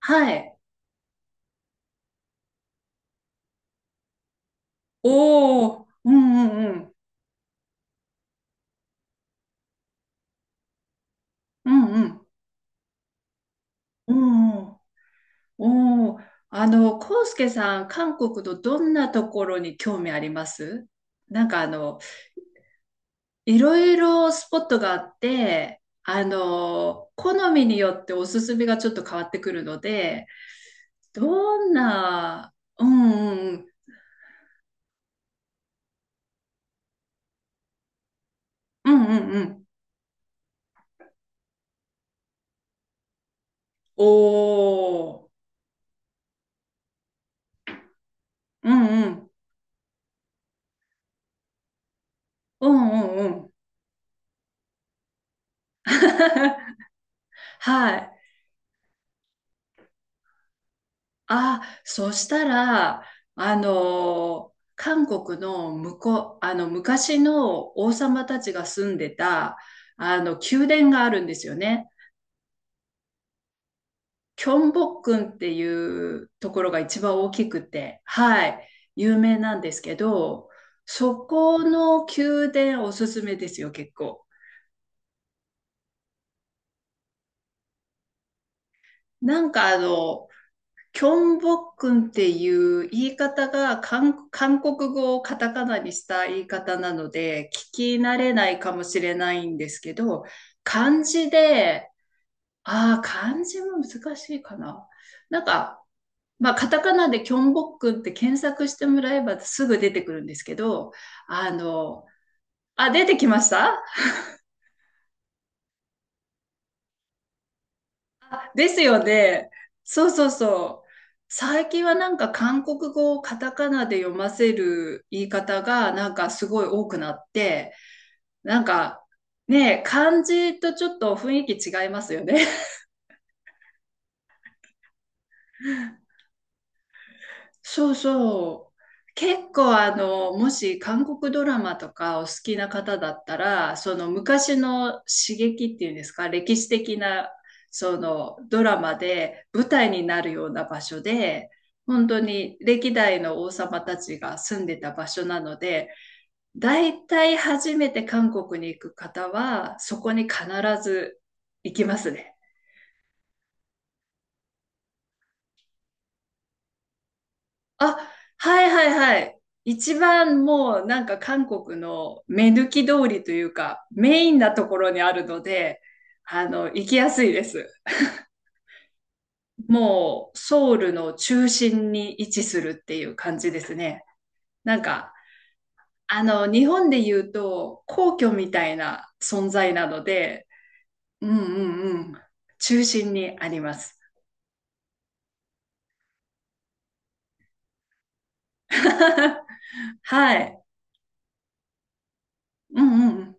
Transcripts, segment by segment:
はい。おお、うんうんうん。うんうん。うんうん。おお、おー。コウスケさん、韓国のどんなところに興味あります？なんかいろいろスポットがあって、好みによっておすすめがちょっと変わってくるので、どんな、うんうんうん。うんうんうん。おお、うんうん。うんうんうん。はい。あ、そしたら、韓国の向こう、昔の王様たちが住んでた、宮殿があるんですよね。キョンボックンっていうところが一番大きくて、はい、有名なんですけど、そこの宮殿おすすめですよ、結構。なんかキョンボックンっていう言い方が韓国語をカタカナにした言い方なので、聞き慣れないかもしれないんですけど、漢字で、ああ、漢字も難しいかな。なんか、まあ、カタカナでキョンボックンって検索してもらえばすぐ出てくるんですけど、あの、あ、出てきました。ですよね。そうそうそう。最近はなんか韓国語をカタカナで読ませる言い方がなんかすごい多くなって、なんか、ね、漢字とちょっと雰囲気違いますよね。そうそう。結構もし韓国ドラマとかお好きな方だったら、その昔の刺激っていうんですか、歴史的なそのドラマで舞台になるような場所で、本当に歴代の王様たちが住んでた場所なので、大体初めて韓国に行く方は、そこに必ず行きますね。あ、はいはいはい。一番もうなんか韓国の目抜き通りというかメインなところにあるので、行きやすいです。もうソウルの中心に位置するっていう感じですね。なんか、日本で言うと皇居みたいな存在なので、うんうんうん。中心にあります。はい。うんうんうん。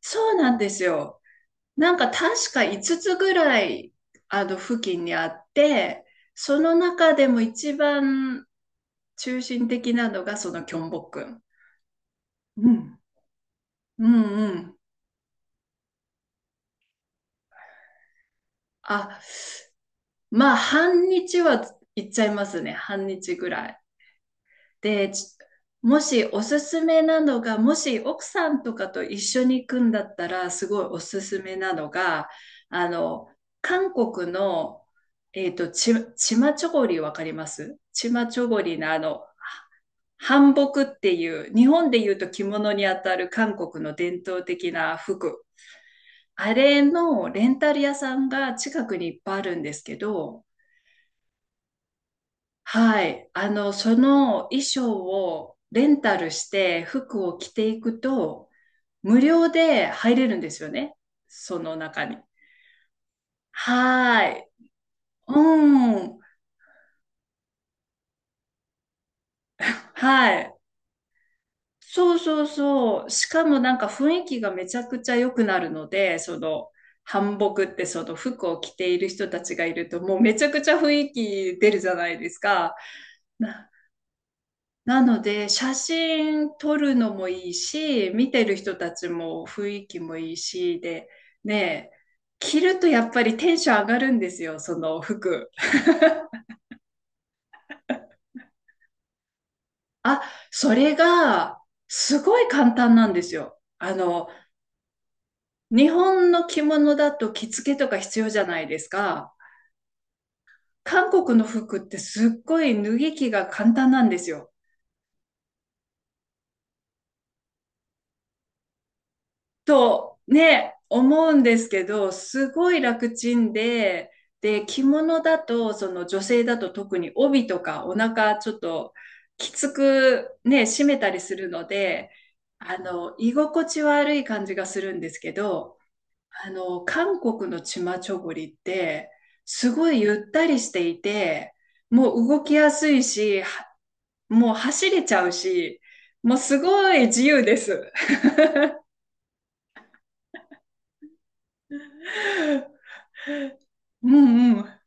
そうなんですよ。なんか確か5つつぐらい、付近にあって、その中でも一番中心的なのがそのキョンボックン。うん。うんうん。あ、まあ、半日は行っちゃいますね。半日ぐらい。で、もしおすすめなのが、もし奥さんとかと一緒に行くんだったら、すごいおすすめなのが、あの、韓国の、チマチョゴリわかります？チマチョゴリの韓服っていう、日本で言うと着物にあたる韓国の伝統的な服。あれのレンタル屋さんが近くにいっぱいあるんですけど、はい。その衣装をレンタルして服を着ていくと、無料で入れるんですよね。その中に。はい。うん。はい。そうそうそう。しかもなんか雰囲気がめちゃくちゃ良くなるので、その、韓 a ってその服を着ている人たちがいると、もうめちゃくちゃ雰囲気出るじゃないですか。なので、写真撮るのもいいし、見てる人たちも雰囲気もいいし、で、ねえ、着るとやっぱりテンション上がるんですよ、その服。あ、それが、すごい簡単なんですよ。日本の着物だと着付けとか必要じゃないですか。韓国の服ってすっごい脱ぎ着が簡単なんですよ。とね、思うんですけど、すごい楽ちんで、で、着物だと、その女性だと特に帯とかお腹ちょっときつくね、締めたりするので、居心地悪い感じがするんですけど、韓国のチマチョゴリって、すごいゆったりしていて、もう動きやすいし、は、もう走れちゃうし、もうすごい自由です。うんうん。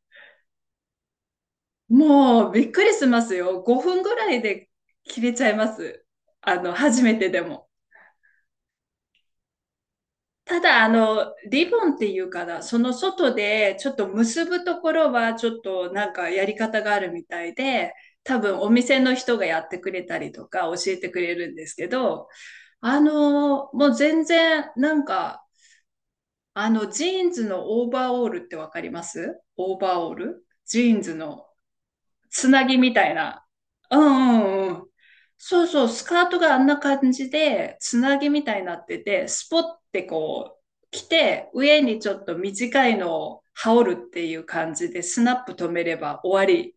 もうびっくりしますよ。5分ぐらいで切れちゃいます。初めてでも。ただ、リボンっていうかな、その外でちょっと結ぶところはちょっとなんかやり方があるみたいで、多分お店の人がやってくれたりとか教えてくれるんですけど、もう全然なんか、ジーンズのオーバーオールってわかります？オーバーオール、ジーンズのつなぎみたいな。うんうんうん。そうそう、スカートがあんな感じで、つなぎみたいになってて、スポッてこう、着て、上にちょっと短いのを羽織るっていう感じで、スナップ止めれば終わり。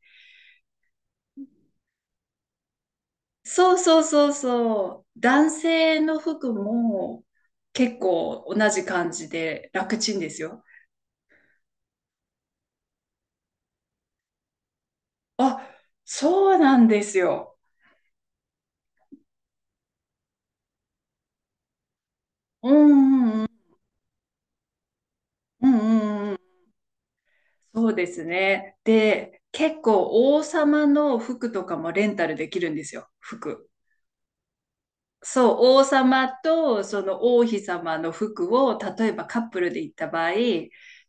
そうそうそうそう。男性の服も結構同じ感じで楽ちんですよ。あ、そうなんですよ。うんうんうん。うんうんうん。そうですね。で、結構王様の服とかもレンタルできるんですよ、服。そう、王様とその王妃様の服を、例えばカップルで行った場合、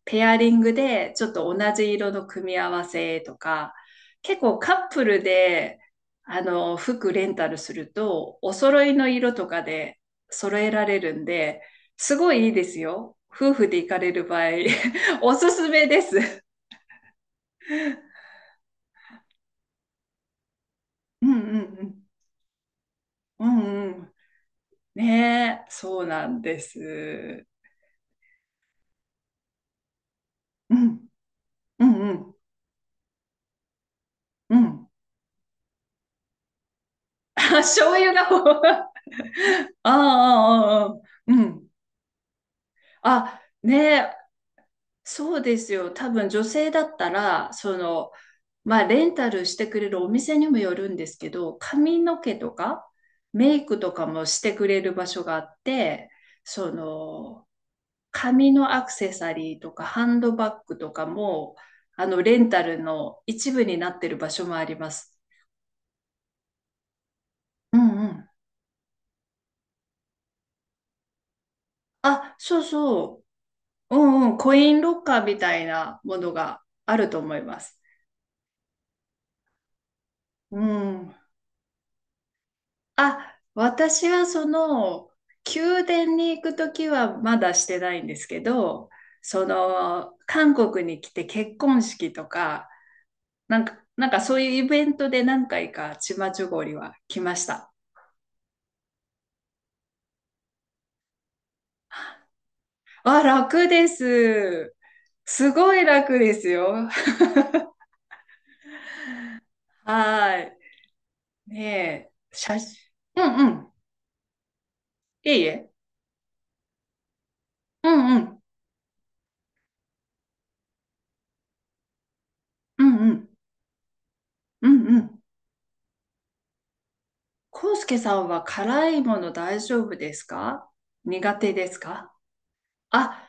ペアリングでちょっと同じ色の組み合わせとか、結構カップルで、服レンタルすると、お揃いの色とかで揃えられるんで、すごいいいですよ。夫婦で行かれる場合、おすすめです。うんうんうん。うんうん。ねえ、そうなんです。うん、うん、うん、うん。あ、醤油が、ああ、ああ、ああ、うん。あ、ねえ、そうですよ。多分女性だったら、その、まあ、レンタルしてくれるお店にもよるんですけど、髪の毛とか、メイクとかもしてくれる場所があって、その、紙のアクセサリーとかハンドバッグとかも、レンタルの一部になってる場所もあります。うんうん。あ、そうそう。うんうん。コインロッカーみたいなものがあると思います。うん。あ、私はその、宮殿に行くときはまだしてないんですけど、その、韓国に来て結婚式とか、なんか、なんかそういうイベントで何回かチマチョゴリは来ました。あ、楽です。すごい楽ですよ。はい。ねえ、写真。うんうん。いいえ。うんうん。うんうん。うんうん。康介さんは辛いもの大丈夫ですか？苦手ですか？あ、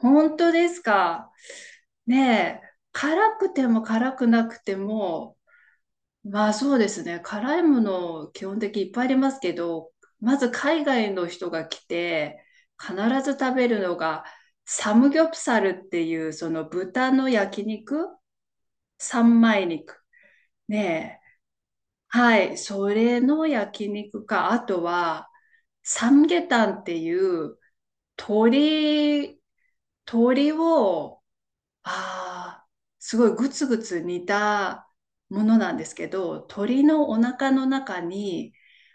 本当ですか。ねえ、辛くても辛くなくても、まあそうですね。辛いもの基本的にいっぱいありますけど、まず海外の人が来て、必ず食べるのが、サムギョプサルっていう、その豚の焼肉、三枚肉。ねえ。はい。それの焼肉か、あとは、サムゲタンっていう、鳥鳥を、ああ、すごいグツグツ煮たものなんですけど、鶏のお腹の中に、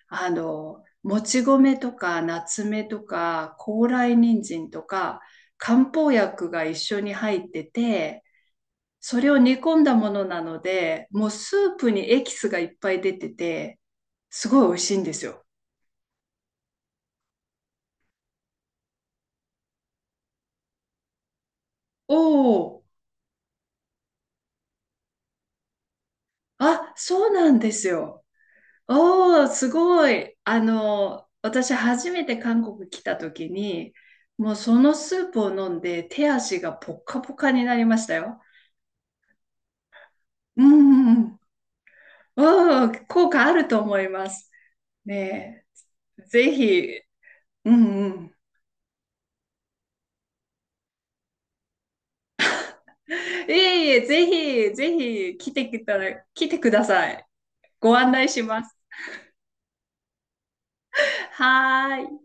もち米とか、夏目とか、高麗人参とか、漢方薬が一緒に入ってて、それを煮込んだものなので、もうスープにエキスがいっぱい出てて、すごい美味しいんですよ。おお、あ、そうなんですよ。おー、すごい。私初めて韓国来た時に、もうそのスープを飲んで手足がポッカポカになりましたよ。うんうんうん。おー、効果あると思います。ねえ、ぜひ、うんうん。いえいえ、ぜひ、ぜひ来てきたら、来てください。ご案内します。はーい。